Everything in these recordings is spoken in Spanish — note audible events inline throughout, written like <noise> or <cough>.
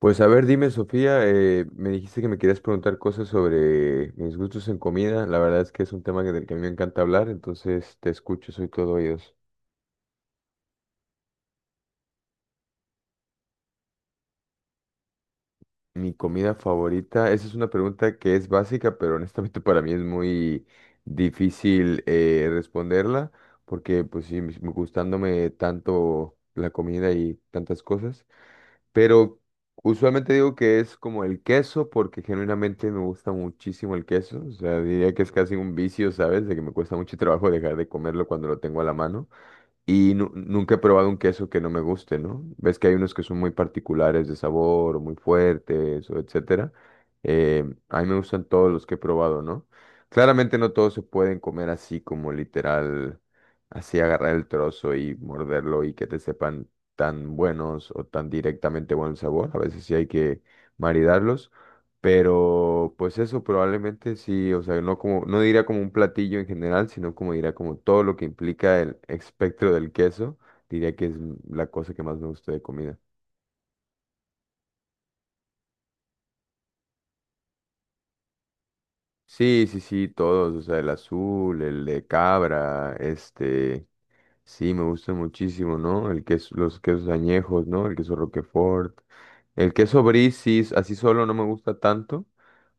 Pues a ver, dime, Sofía, me dijiste que me querías preguntar cosas sobre mis gustos en comida. La verdad es que es un tema del que a mí me encanta hablar, entonces te escucho, soy todo oídos. Mi comida favorita, esa es una pregunta que es básica, pero honestamente <laughs> para mí es muy difícil responderla, porque pues sí, gustándome tanto la comida y tantas cosas. Pero usualmente digo que es como el queso porque genuinamente me gusta muchísimo el queso. O sea, diría que es casi un vicio, ¿sabes? De que me cuesta mucho trabajo dejar de comerlo cuando lo tengo a la mano. Y nunca he probado un queso que no me guste, ¿no? Ves que hay unos que son muy particulares de sabor o muy fuertes o etcétera. A mí me gustan todos los que he probado, ¿no? Claramente no todos se pueden comer así como literal, así agarrar el trozo y morderlo y que te sepan tan buenos o tan directamente buen sabor. A veces sí hay que maridarlos. Pero pues eso probablemente sí, o sea, no como, no diría como un platillo en general, sino como diría como todo lo que implica el espectro del queso, diría que es la cosa que más me gusta de comida. Sí, sí, sí, todos, o sea, el azul, el de cabra, este, sí, me gusta muchísimo, ¿no? El queso, los quesos añejos, ¿no? El queso Roquefort. El queso brie, sí, así solo no me gusta tanto,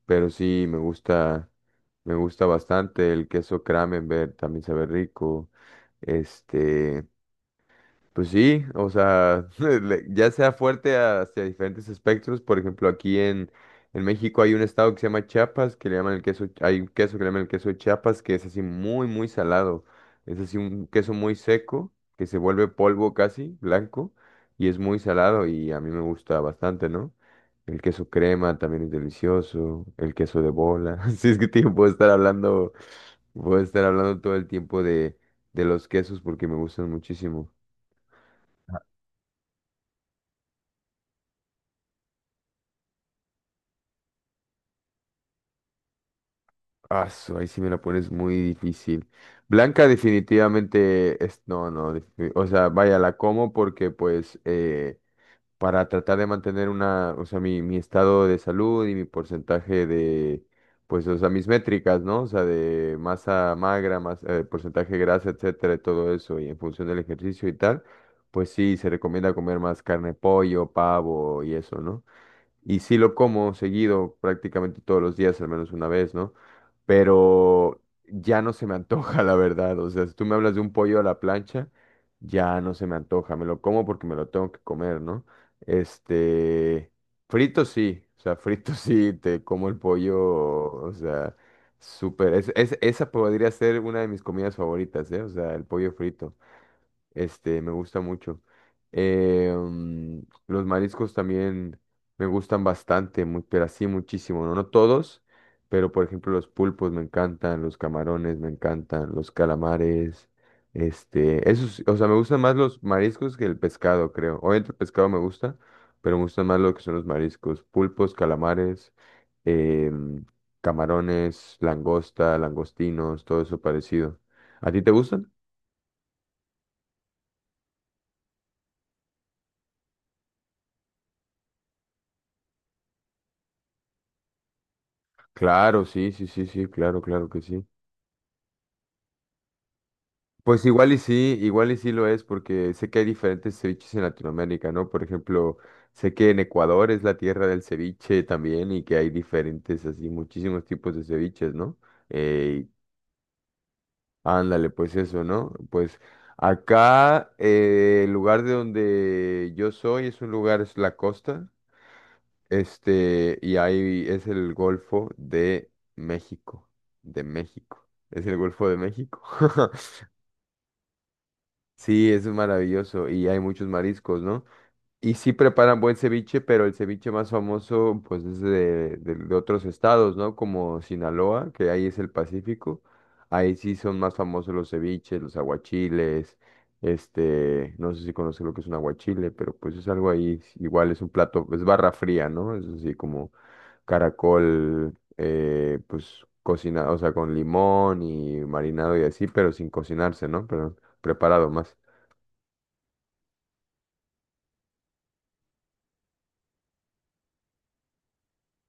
pero sí me gusta bastante. El queso Kramenberg también sabe rico. Este, pues sí, o sea, <laughs> ya sea fuerte hacia diferentes espectros, por ejemplo, aquí en México hay un estado que se llama Chiapas, que le llaman el queso, hay un queso que le llaman el queso de Chiapas, que es así muy, muy salado, es así un queso muy seco, que se vuelve polvo casi, blanco, y es muy salado y a mí me gusta bastante, ¿no? El queso crema también es delicioso, el queso de bola, <laughs> sí es que tío, puedo estar hablando todo el tiempo de los quesos porque me gustan muchísimo. Ah, ahí sí me la pones muy difícil. Blanca definitivamente es, no, no, o sea, vaya, la como porque pues para tratar de mantener una, o sea, mi estado de salud y mi porcentaje de, pues, o sea, mis métricas, ¿no? O sea, de masa magra, más porcentaje de grasa, etcétera, y todo eso, y en función del ejercicio y tal, pues sí, se recomienda comer más carne, pollo, pavo y eso, ¿no? Y sí lo como seguido, prácticamente todos los días, al menos una vez, ¿no? Pero ya no se me antoja, <laughs> la verdad. O sea, si tú me hablas de un pollo a la plancha, ya no se me antoja. Me lo como porque me lo tengo que comer, ¿no? Este, frito sí, o sea, <laughs> frito sí, te como el pollo, o sea, súper. Es, esa podría ser una de mis comidas favoritas, ¿eh? O sea, el pollo frito. Este, me gusta mucho. Eh, mm, los mariscos también me gustan bastante, pero así muchísimo, ¿no? No todos, pero por ejemplo los pulpos me encantan, los camarones me encantan, los calamares, este, esos, o sea, me gustan más los mariscos que el pescado, creo. Obviamente el pescado me gusta, pero me gustan más lo que son los mariscos, pulpos, calamares, eh, mm, camarones, langosta, langostinos, todo eso parecido. ¿A ti te gustan? Claro, sí, sí, sí, sí, claro, claro que sí. Pues igual y sí lo es, porque sé que hay diferentes ceviches en Latinoamérica, ¿no? Por ejemplo, sé que en Ecuador es la tierra del ceviche también y que hay diferentes, así, muchísimos tipos de ceviches, ¿no? Eh, Ándale, pues eso, ¿no? Pues acá, el lugar de donde yo soy es un lugar, es la costa, este, y ahí es el Golfo de México, de México. Es el Golfo de México. <laughs> Sí, eso es maravilloso y hay muchos mariscos, ¿no? Y sí preparan buen ceviche, pero el ceviche más famoso pues es de, de otros estados, ¿no? Como Sinaloa, que ahí es el Pacífico. Ahí sí son más famosos los ceviches, los aguachiles, este, no sé si conoces lo que es un aguachile, pero pues es algo ahí, igual es un plato, es barra fría, ¿no? Es así como caracol, pues cocinado, o sea, con limón y marinado y así, pero sin cocinarse, ¿no? Pero preparado más.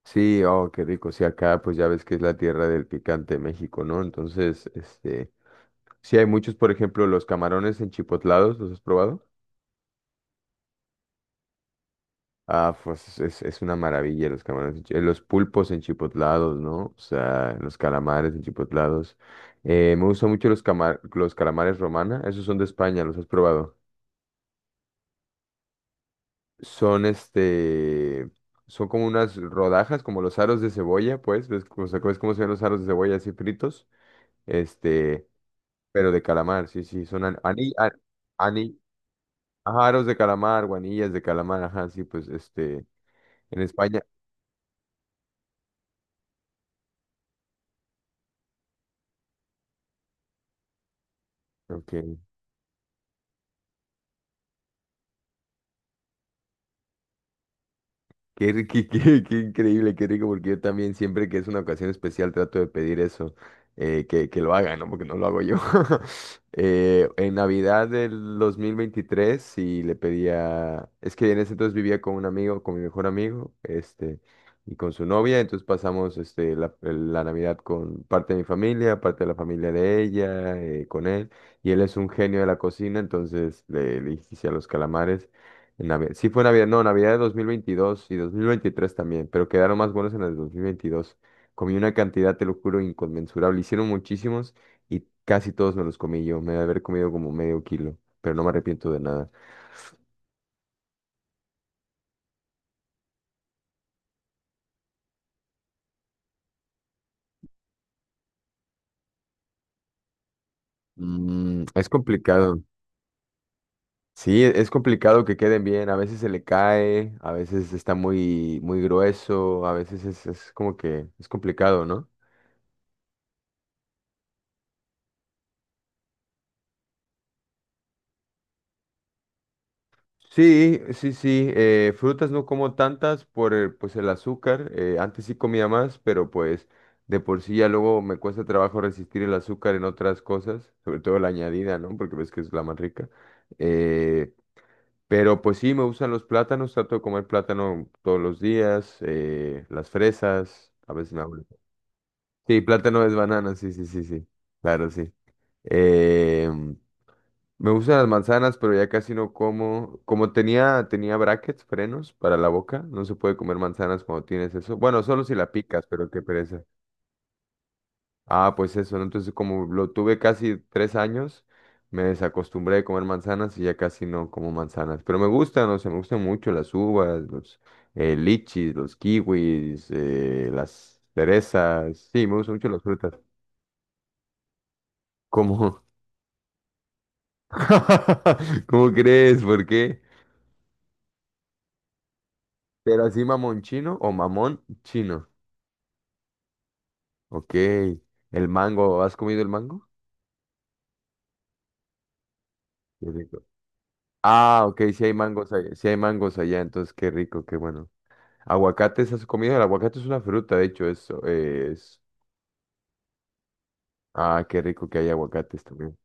Sí, oh, qué rico. Sí, acá pues ya ves que es la tierra del picante México, ¿no? Entonces, este, sí hay muchos, por ejemplo, los camarones enchipotlados, ¿los has probado? Ah, pues es una maravilla los camarones, los pulpos enchipotlados, ¿no? O sea, los calamares enchipotlados. Me gustan mucho los calamares romana, esos son de España, ¿los has probado? Son este, son como unas rodajas, como los aros de cebolla, pues, o sea, ¿ves cómo se ven los aros de cebolla así fritos? Este. Pero de calamar, sí, sí, son ani, ani, a- ani- ajaros de calamar, guanillas de calamar, ajá, sí, pues este, en España. Ok. Qué increíble, qué rico, porque yo también siempre que es una ocasión especial trato de pedir eso, que lo hagan, ¿no? Porque no lo hago yo. <laughs> En Navidad del 2023 sí le pedía, es que en ese entonces vivía con un amigo, con mi mejor amigo, este, y con su novia, entonces pasamos este, la Navidad con parte de mi familia, parte de la familia de ella, con él, y él es un genio de la cocina, entonces le hice a los calamares. En Navidad. Sí fue Navidad, no, Navidad de 2022 y 2023 también, pero quedaron más buenos en el 2022. Comí una cantidad, te lo juro, inconmensurable. Hicieron muchísimos y casi todos me los comí yo. Me debe haber comido como medio kilo, pero no me arrepiento de nada. Mm, es complicado. Sí, es complicado que queden bien. A veces se le cae, a veces está muy, muy grueso, a veces es como que es complicado, ¿no? Sí, sí, sí. Frutas no como tantas por el, pues el azúcar. Antes sí comía más, pero pues de por sí ya luego me cuesta trabajo resistir el azúcar en otras cosas, sobre todo la añadida, ¿no? Porque ves que es la más rica. eh, pero pues sí, me gustan los plátanos. Trato de comer plátano todos los días. Las fresas, a veces me hago. Sí, plátano es banana, sí, sí, sí, sí. Claro, sí. em, me gustan las manzanas, pero ya casi no como. Como tenía brackets, frenos para la boca, no se puede comer manzanas cuando tienes eso. Bueno, solo si la picas, pero qué pereza. Ah, pues eso, ¿no? Entonces, como lo tuve casi 3 años, me desacostumbré de comer manzanas y ya casi no como manzanas. Pero me gustan, o sea, me gustan mucho las uvas, los lichis, los kiwis, las cerezas. Sí, me gustan mucho las frutas. ¿Cómo? <laughs> ¿Cómo crees? ¿Por qué? Pero así mamón chino o mamón chino. Ok. El mango, ¿has comido el mango? Qué rico. Ah, ok, si hay mangos allá, sí hay mangos allá, entonces qué rico, qué bueno. ¿Aguacates has comido? El aguacate es una fruta, de hecho, eso es. Ah, qué rico que hay aguacates también.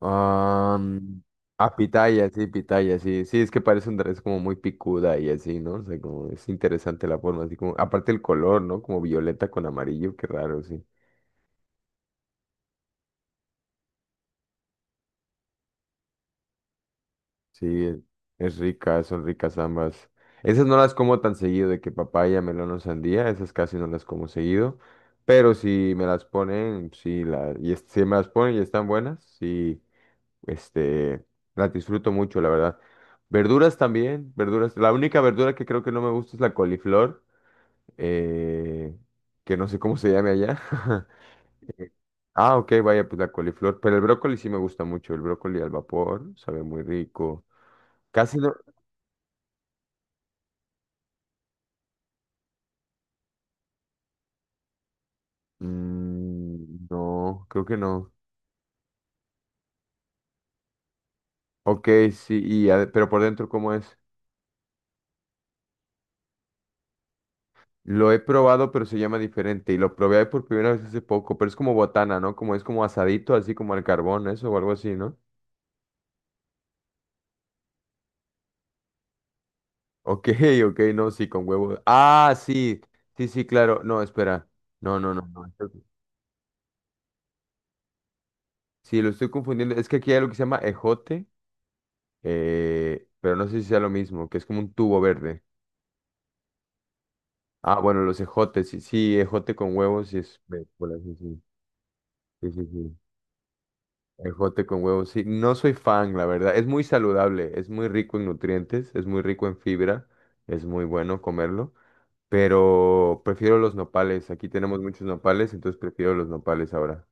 Ah, mm, ah, pitaya, sí, pitaya, sí. Sí, es que parece un es como muy picuda y así, ¿no? O sea, como es interesante la forma, así como, aparte el color, ¿no? Como violeta con amarillo, qué raro, sí. Sí, es rica, son ricas ambas. Esas no las como tan seguido, de que papaya, melón o sandía, esas casi no las como seguido. Pero si me las ponen, sí, si me las ponen y están buenas, sí, este, las disfruto mucho, la verdad. Verduras también, verduras. La única verdura que creo que no me gusta es la coliflor, eh, que no sé cómo se llame allá. <laughs> Ah, ok, vaya, pues la coliflor. Pero el brócoli sí me gusta mucho, el brócoli al vapor, sabe muy rico. Casi no. Mm, no, creo que no. Ok, sí, y pero por dentro, ¿cómo es? Lo he probado, pero se llama diferente. Y lo probé por primera vez hace poco, pero es como botana, ¿no? Como es como asadito, así como al carbón, eso o algo así, ¿no? Ok, <laughs> ok, no, sí, con huevo. Ah, sí, sí, sí, claro. No, espera. No, no, no, no. Sí, lo estoy confundiendo. Es que aquí hay lo que se llama ejote, pero no sé si sea lo mismo, que es como un tubo verde. Ah, bueno, los ejotes, sí, sí, ejote con huevos, sí es. Ve, por así, sí, sí, sí. Sí. Ejote con huevos, sí. No soy fan, la verdad. Es muy saludable, es muy rico en nutrientes, es muy rico en fibra, es muy bueno comerlo, pero prefiero los nopales. Aquí tenemos muchos nopales, entonces prefiero los nopales ahora.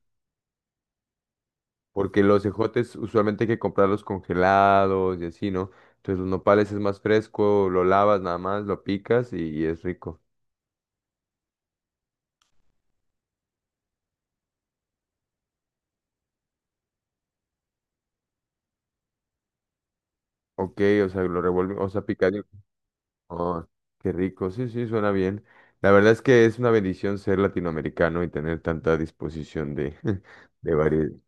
Porque los ejotes usualmente hay que comprarlos congelados y así, ¿no? Entonces los nopales es más fresco, lo lavas nada más, lo picas y es rico. Ok, o sea, lo revuelves, o sea, picas. Oh, qué rico, sí, sí, suena bien. La verdad es que es una bendición ser latinoamericano y tener tanta disposición de, <laughs> de, vari-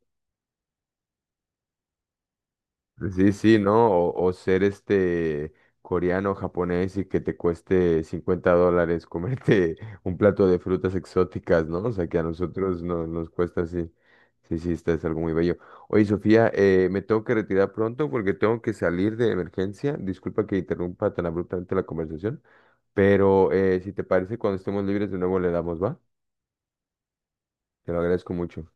Sí, sí, ¿no? O ser este coreano, japonés y que te cueste 50 dólares comerte <laughs> un plato de frutas exóticas, ¿no? O sea, que a nosotros no, nos cuesta así. Sí, sí, está, es algo muy bello. Oye, Sofía, me tengo que retirar pronto porque tengo que salir de emergencia. Disculpa que interrumpa tan abruptamente la conversación, pero si te parece, cuando estemos libres de nuevo le damos, ¿va? Te lo agradezco mucho.